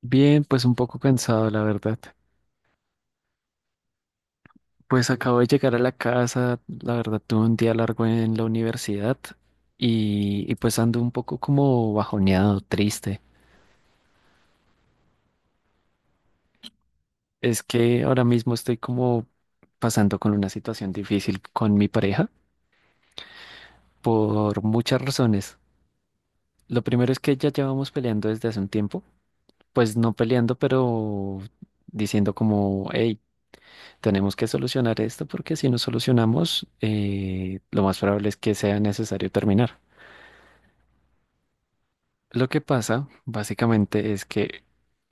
Bien, pues un poco cansado, la verdad. Pues acabo de llegar a la casa, la verdad tuve un día largo en la universidad y pues ando un poco como bajoneado, triste. Es que ahora mismo estoy como pasando con una situación difícil con mi pareja por muchas razones. Lo primero es que ya llevamos peleando desde hace un tiempo, pues no peleando, pero diciendo como, hey, tenemos que solucionar esto porque si no solucionamos, lo más probable es que sea necesario terminar. Lo que pasa, básicamente, es que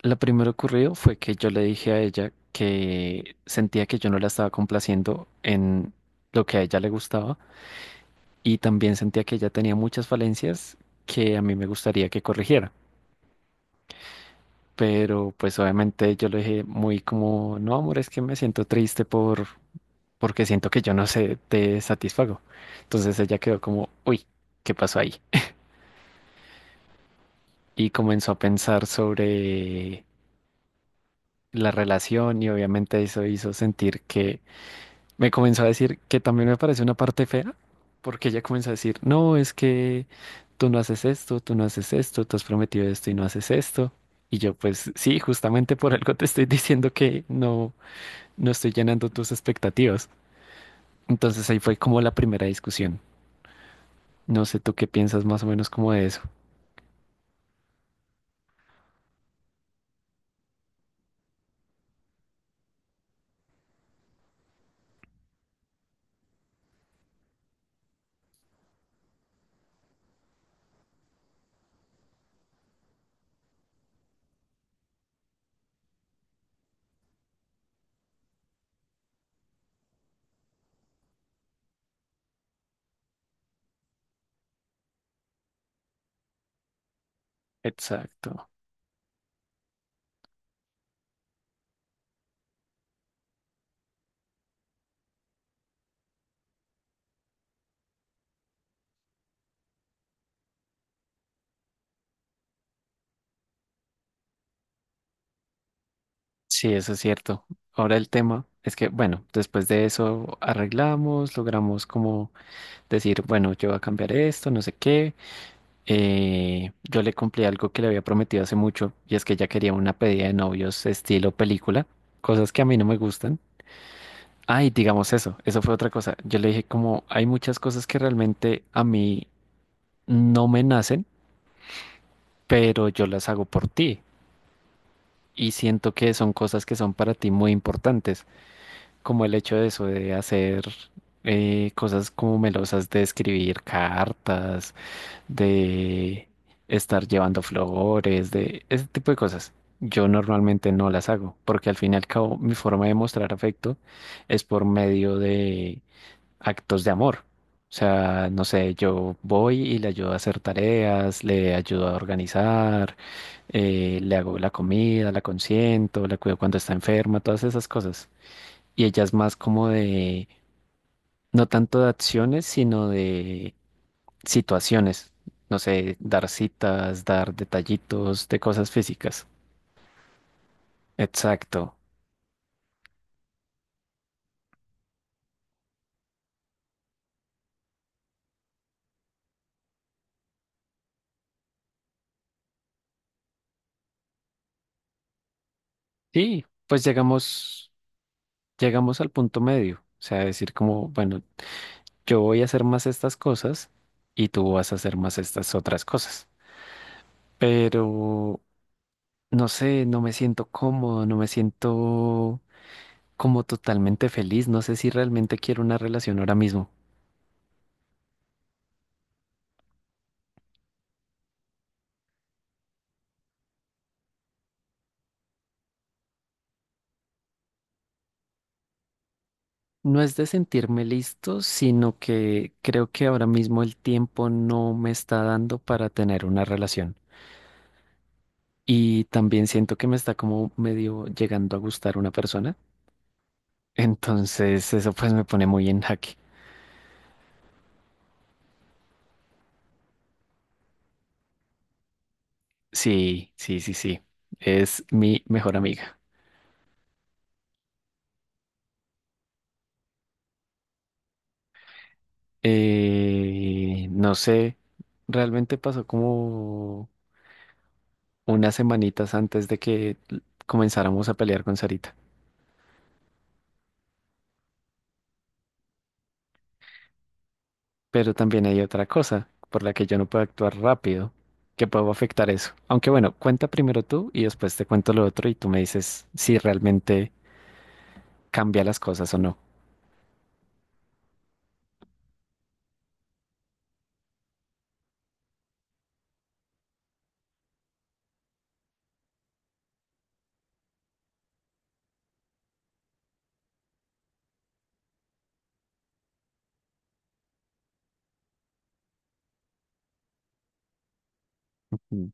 lo primero ocurrido fue que yo le dije a ella que sentía que yo no la estaba complaciendo en lo que a ella le gustaba y también sentía que ella tenía muchas falencias que a mí me gustaría que corrigiera. Pero pues obviamente yo le dije muy como, no, amor, es que me siento triste porque siento que yo no sé, te satisfago. Entonces ella quedó como, uy, ¿qué pasó ahí? Y comenzó a pensar sobre la relación y obviamente eso hizo sentir que me comenzó a decir que también me parece una parte fea, porque ella comenzó a decir, no, es que tú no haces esto, tú no haces esto, tú has prometido esto y no haces esto. Y yo pues sí, justamente por algo te estoy diciendo que no, no estoy llenando tus expectativas. Entonces ahí fue como la primera discusión. No sé tú qué piensas más o menos como de eso. Exacto. Sí, eso es cierto. Ahora el tema es que, bueno, después de eso arreglamos, logramos como decir, bueno, yo voy a cambiar esto, no sé qué. Yo le cumplí algo que le había prometido hace mucho y es que ella quería una pedida de novios estilo película, cosas que a mí no me gustan. Ay, digamos eso, eso fue otra cosa. Yo le dije como hay muchas cosas que realmente a mí no me nacen, pero yo las hago por ti. Y siento que son cosas que son para ti muy importantes, como el hecho de eso, de hacer cosas como melosas, de escribir cartas, de estar llevando flores, de ese tipo de cosas. Yo normalmente no las hago, porque al fin y al cabo mi forma de mostrar afecto es por medio de actos de amor. O sea, no sé, yo voy y le ayudo a hacer tareas, le ayudo a organizar le hago la comida, la consiento, la cuido cuando está enferma, todas esas cosas. Y ella es más como de, no tanto de acciones, sino de situaciones. No sé, dar citas, dar detallitos de cosas físicas. Exacto. Y pues llegamos, llegamos al punto medio. O sea, decir como, bueno, yo voy a hacer más estas cosas y tú vas a hacer más estas otras cosas. Pero, no sé, no me siento cómodo, no me siento como totalmente feliz. No sé si realmente quiero una relación ahora mismo. No es de sentirme listo, sino que creo que ahora mismo el tiempo no me está dando para tener una relación. Y también siento que me está como medio llegando a gustar una persona. Entonces eso pues me pone muy en jaque. Sí, sí, sí, sí. Es mi mejor amiga. No sé, realmente pasó como unas semanitas antes de que comenzáramos a pelear con Sarita. Pero también hay otra cosa por la que yo no puedo actuar rápido, que puedo afectar eso. Aunque bueno, cuenta primero tú y después te cuento lo otro y tú me dices si realmente cambia las cosas o no. Mm.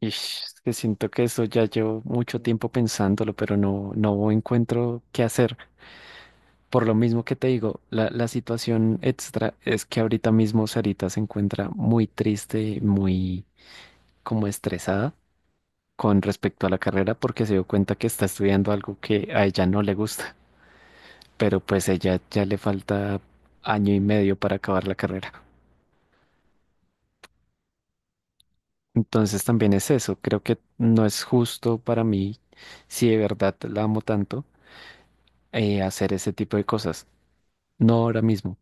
Ish, es que siento que eso ya llevo mucho tiempo pensándolo, pero no, no encuentro qué hacer. Por lo mismo que te digo, la situación extra es que ahorita mismo Sarita se encuentra muy triste, muy como estresada con respecto a la carrera porque se dio cuenta que está estudiando algo que a ella no le gusta, pero pues ella ya le falta año y medio para acabar la carrera. Entonces también es eso, creo que no es justo para mí, si de verdad la amo tanto, hacer ese tipo de cosas, no ahora mismo.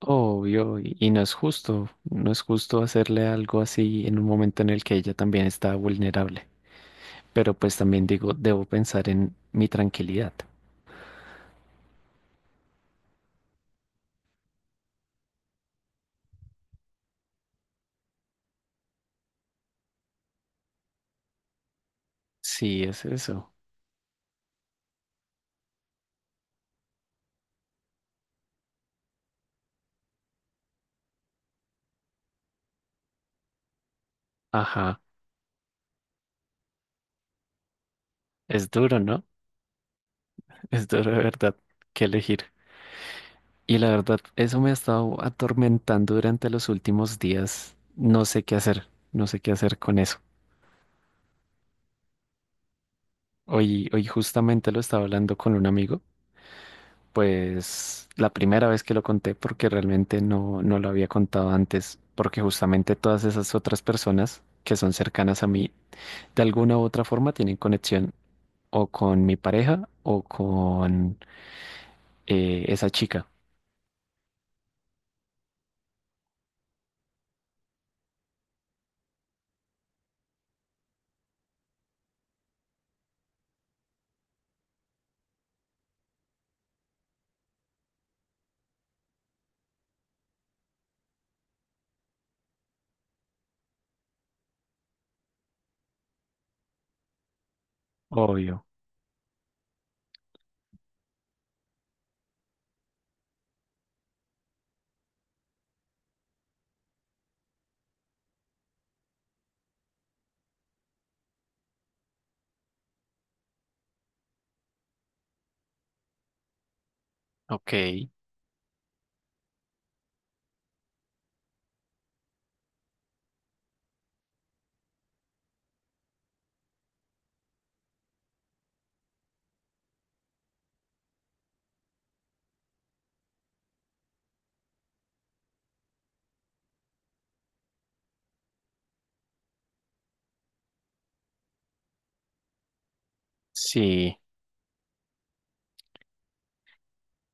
Obvio, y no es justo, no es justo hacerle algo así en un momento en el que ella también está vulnerable. Pero pues también digo, debo pensar en mi tranquilidad. Sí, es eso. Ajá. Es duro, ¿no? Es duro de verdad que elegir. Y la verdad, eso me ha estado atormentando durante los últimos días. No sé qué hacer, no sé qué hacer con eso. Hoy, hoy justamente lo estaba hablando con un amigo, pues la primera vez que lo conté porque realmente no, no lo había contado antes, porque justamente todas esas otras personas que son cercanas a mí, de alguna u otra forma tienen conexión o con mi pareja o con esa chica. Obvio. Ok. Sí,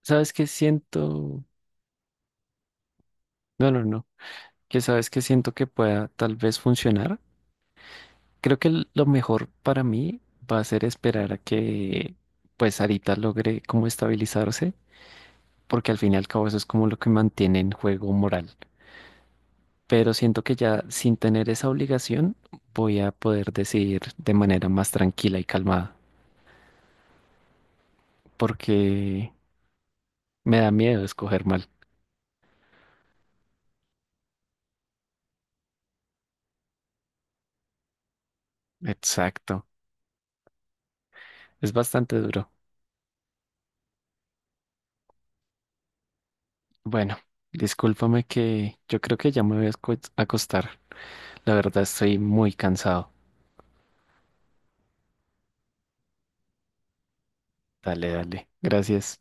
¿sabes qué siento? No, no, no. ¿Qué sabes qué siento que pueda tal vez funcionar? Creo que lo mejor para mí va a ser esperar a que pues Arita logre como estabilizarse, porque al fin y al cabo eso es como lo que mantiene en juego moral. Pero siento que ya sin tener esa obligación voy a poder decidir de manera más tranquila y calmada, porque me da miedo escoger mal. Exacto. Es bastante duro. Bueno, discúlpame que yo creo que ya me voy a acostar. La verdad estoy muy cansado. Dale, dale. Gracias.